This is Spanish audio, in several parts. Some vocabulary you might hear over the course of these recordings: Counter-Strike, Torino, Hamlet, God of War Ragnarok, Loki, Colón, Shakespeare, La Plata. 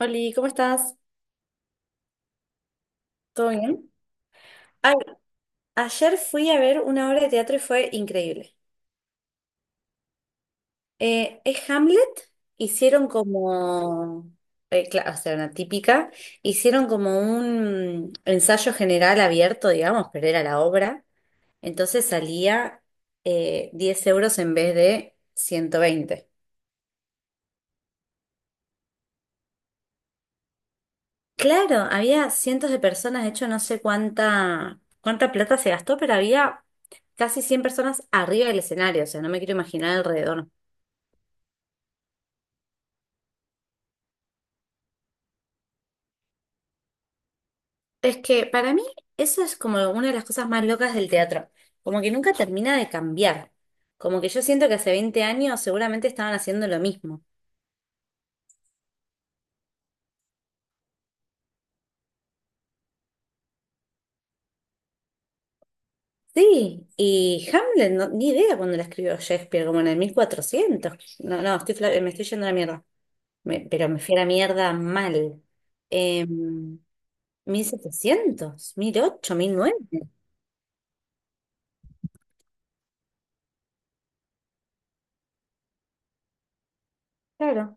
Oli, ¿cómo estás? ¿Todo bien? Ay, ayer fui a ver una obra de teatro y fue increíble. Es Hamlet. Hicieron como, o sea, una típica. Hicieron como un ensayo general abierto, digamos, pero era la obra. Entonces salía 10 euros en vez de 120. Claro, había cientos de personas. De hecho, no sé cuánta plata se gastó, pero había casi 100 personas arriba del escenario. O sea, no me quiero imaginar alrededor. Es que para mí eso es como una de las cosas más locas del teatro, como que nunca termina de cambiar, como que yo siento que hace 20 años seguramente estaban haciendo lo mismo. Sí, y Hamlet, no- ni idea cuando la escribió Shakespeare, como en el 1400. No, no, estoy, fla- me estoy yendo a la mierda. Pero me fui a la mierda mal. Em, 1700, mil 1900. Claro.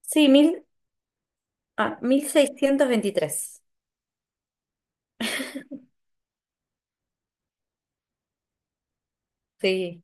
Sí, 1623. Sí.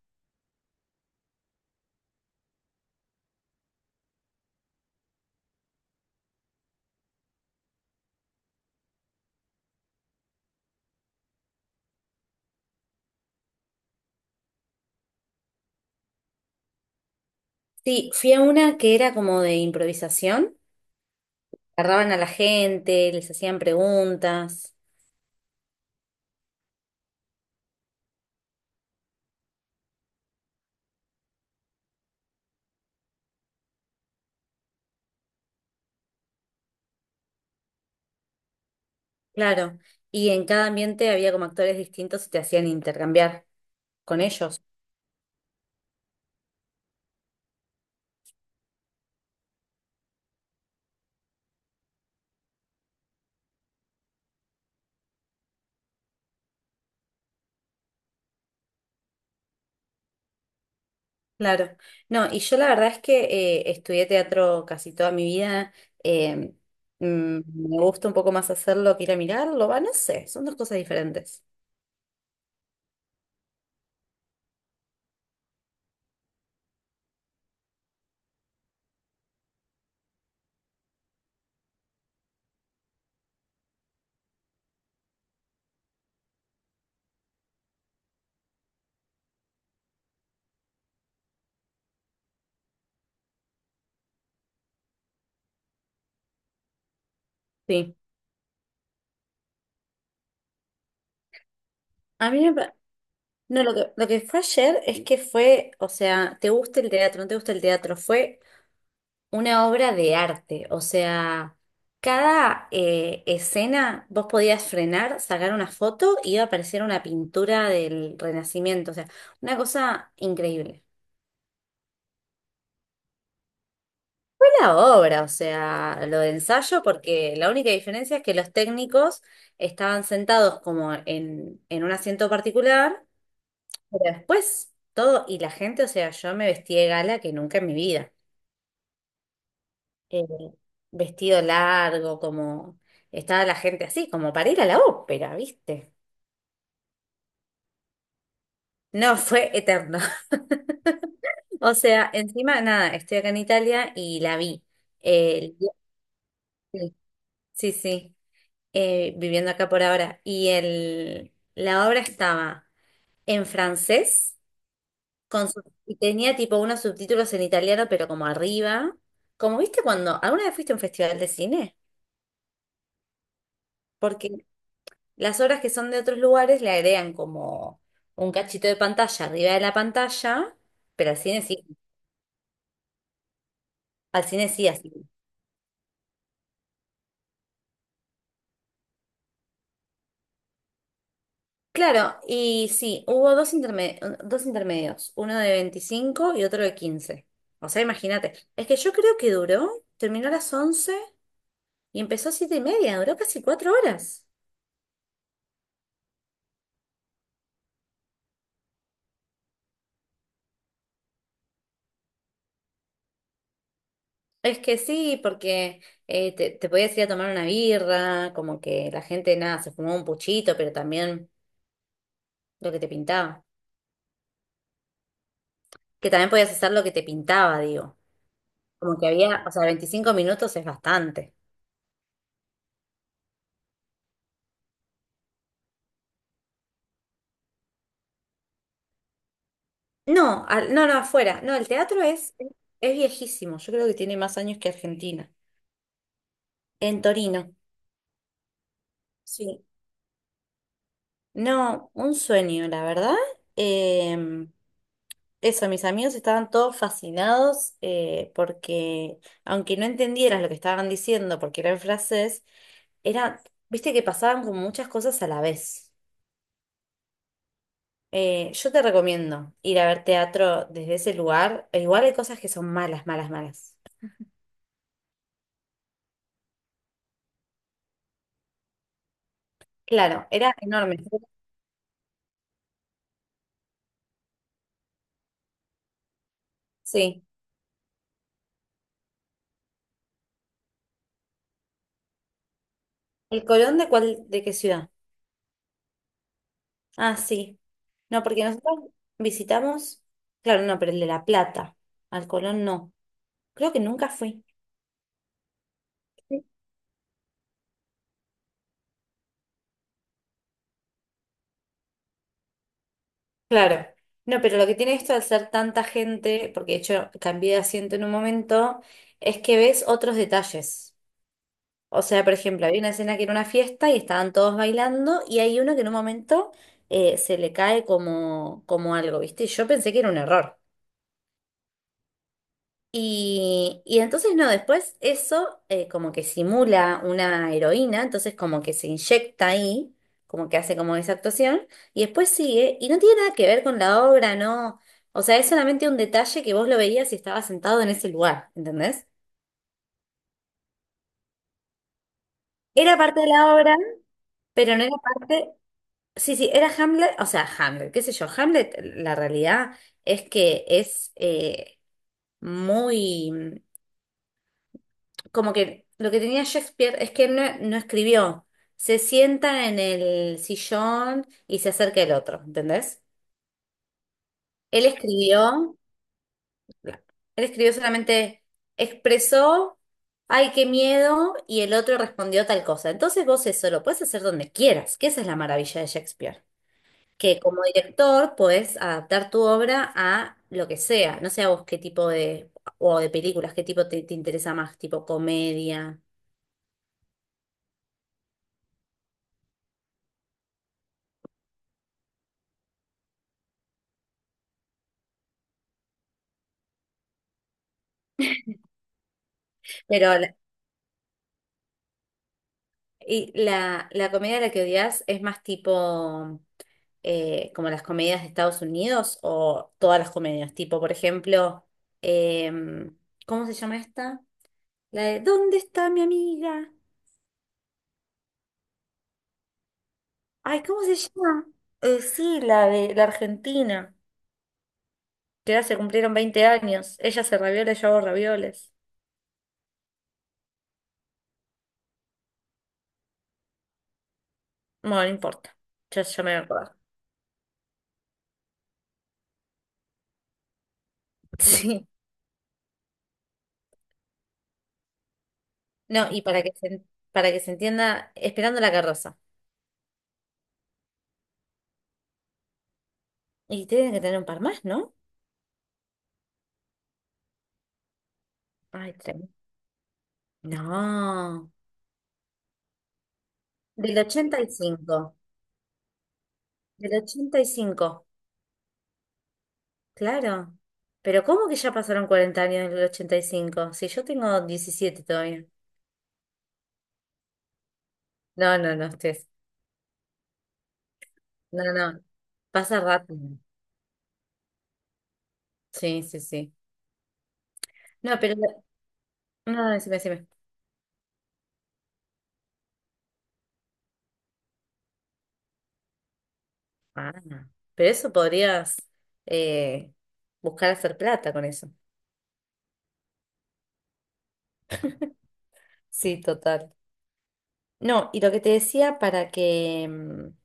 Sí, fui a una que era como de improvisación. Agarraban a la gente, les hacían preguntas. Claro. Y en cada ambiente había como actores distintos y te hacían intercambiar con ellos. Claro. No, y yo la verdad es que estudié teatro casi toda mi vida. eh, Me gusta un poco más hacerlo que ir a mirarlo. Va, no sé, son dos cosas diferentes. Sí. A mí me, pa- No, lo que fue ayer es que fue, o sea, te gusta el teatro, no te gusta el teatro. Fue una obra de arte. O sea, cada escena vos podías frenar, sacar una foto y iba a aparecer una pintura del Renacimiento. O sea, una cosa increíble. Fue la obra, o sea, lo de ensayo, porque la única diferencia es que los técnicos estaban sentados como en un asiento particular, pero después todo, y la gente, o sea, yo me vestí de gala que nunca en mi vida. eh, Vestido largo, como estaba la gente así, como para ir a la ópera, ¿viste? No, fue eterno. O sea, encima, nada, estoy acá en Italia y la vi. Eh, El- día- sí, sí, viviendo acá por ahora. Y la obra estaba en francés y tenía tipo unos subtítulos en italiano, pero como arriba. Como viste cuando, ¿alguna vez fuiste a un festival de cine? Porque las obras que son de otros lugares le agregan como un cachito de pantalla arriba de la pantalla, pero al cine sí así. Claro, y sí, hubo dos, dos intermedios, uno de 25 y otro de 15. O sea, imagínate, es que yo creo que duró, terminó a las 11 y empezó a 7:30, duró casi 4 horas. Es que sí, porque te podías ir a tomar una birra, como que la gente, nada, se fumó un puchito, pero también lo que te pintaba. Que también podías hacer lo que te pintaba, digo. Como que había, o sea, 25 minutos es bastante. No, no, no, afuera. No, el teatro es viejísimo. Yo creo que tiene más años que Argentina. En Torino. Sí. No, un sueño, la verdad. Eh, Eso, mis amigos estaban todos fascinados porque, aunque no entendieras lo que estaban diciendo porque era en francés, era, viste que pasaban como muchas cosas a la vez. Yo te recomiendo ir a ver teatro desde ese lugar. E igual hay cosas que son malas, malas, malas. Claro, era enorme. Sí. ¿El Colón de cuál, de qué ciudad? Ah, sí. No, porque nosotros visitamos, claro, no, pero el de La Plata. Al Colón no. Creo que nunca fui. Sí. Claro. No, pero lo que tiene esto al ser tanta gente, porque de hecho cambié de asiento en un momento, es que ves otros detalles. O sea, por ejemplo, había una escena que era una fiesta y estaban todos bailando y hay uno que en un momento se le cae como, como algo, ¿viste? Y yo pensé que era un error. Y entonces no, después eso como que simula una heroína, entonces como que se inyecta ahí, como que hace como esa actuación, y después sigue, y no tiene nada que ver con la obra, no. O sea, es solamente un detalle que vos lo veías si estabas sentado en ese lugar, ¿entendés? Era parte de la obra, pero no era parte. Sí, sí, era Hamlet. O sea, Hamlet, qué sé yo, Hamlet, la realidad es que es muy, como que lo que tenía Shakespeare es que él no, no escribió, se sienta en el sillón y se acerca el otro, ¿entendés? Él escribió, él escribió solamente, expresó, ay, qué miedo, y el otro respondió tal cosa. Entonces vos eso lo puedes hacer donde quieras, que esa es la maravilla de Shakespeare. Que como director podés adaptar tu obra a lo que sea. No sé a vos qué tipo de, o de películas, qué tipo te interesa más, tipo comedia. Pero la comedia a la que odias es más tipo como las comedias de Estados Unidos o todas las comedias. Tipo, por ejemplo, em, ¿cómo se llama esta? La de ¿Dónde está mi amiga? Ay, ¿cómo se llama? Sí, la de la Argentina. Que ya se cumplieron 20 años. Ella hace ravioles, yo hago ravioles. Bueno, no importa. Yo me voy a acordar. Sí. No, y para que se entienda, esperando la carroza. Y tienen que tener un par más, ¿no? Ay, tremendo. No. Del 85. Del 85. Claro. Pero ¿cómo que ya pasaron 40 años del 85? Si yo tengo 17 todavía. No, no, no, estés. No, no. No. Pasa rápido. Sí, sí, sí. No, pero... No, no, decime, decime. Ah, pero eso podrías eh, buscar hacer plata con eso. Sí, total. No, y lo que te decía para que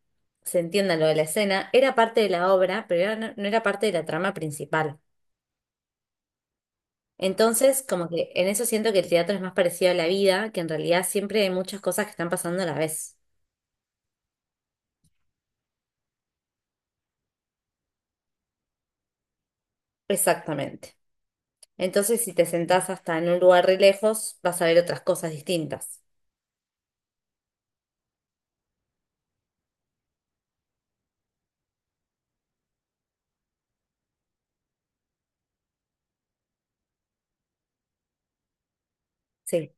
se entienda lo de la escena, era parte de la obra, pero era- no, no era parte de la trama principal. Entonces, como que en eso siento que el teatro es más parecido a la vida, que en realidad siempre hay muchas cosas que están pasando a la vez. Exactamente. Entonces, si te sentás hasta en un lugar re lejos, vas a ver otras cosas distintas. Sí,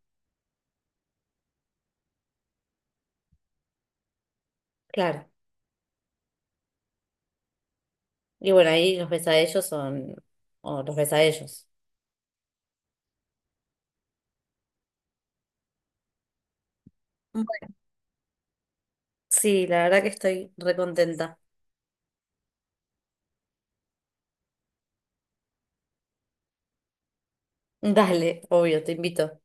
claro. Y bueno, ahí los ves a ellos son, o los ves a ellos. Bueno, sí, la verdad que estoy recontenta. Dale, obvio, te invito.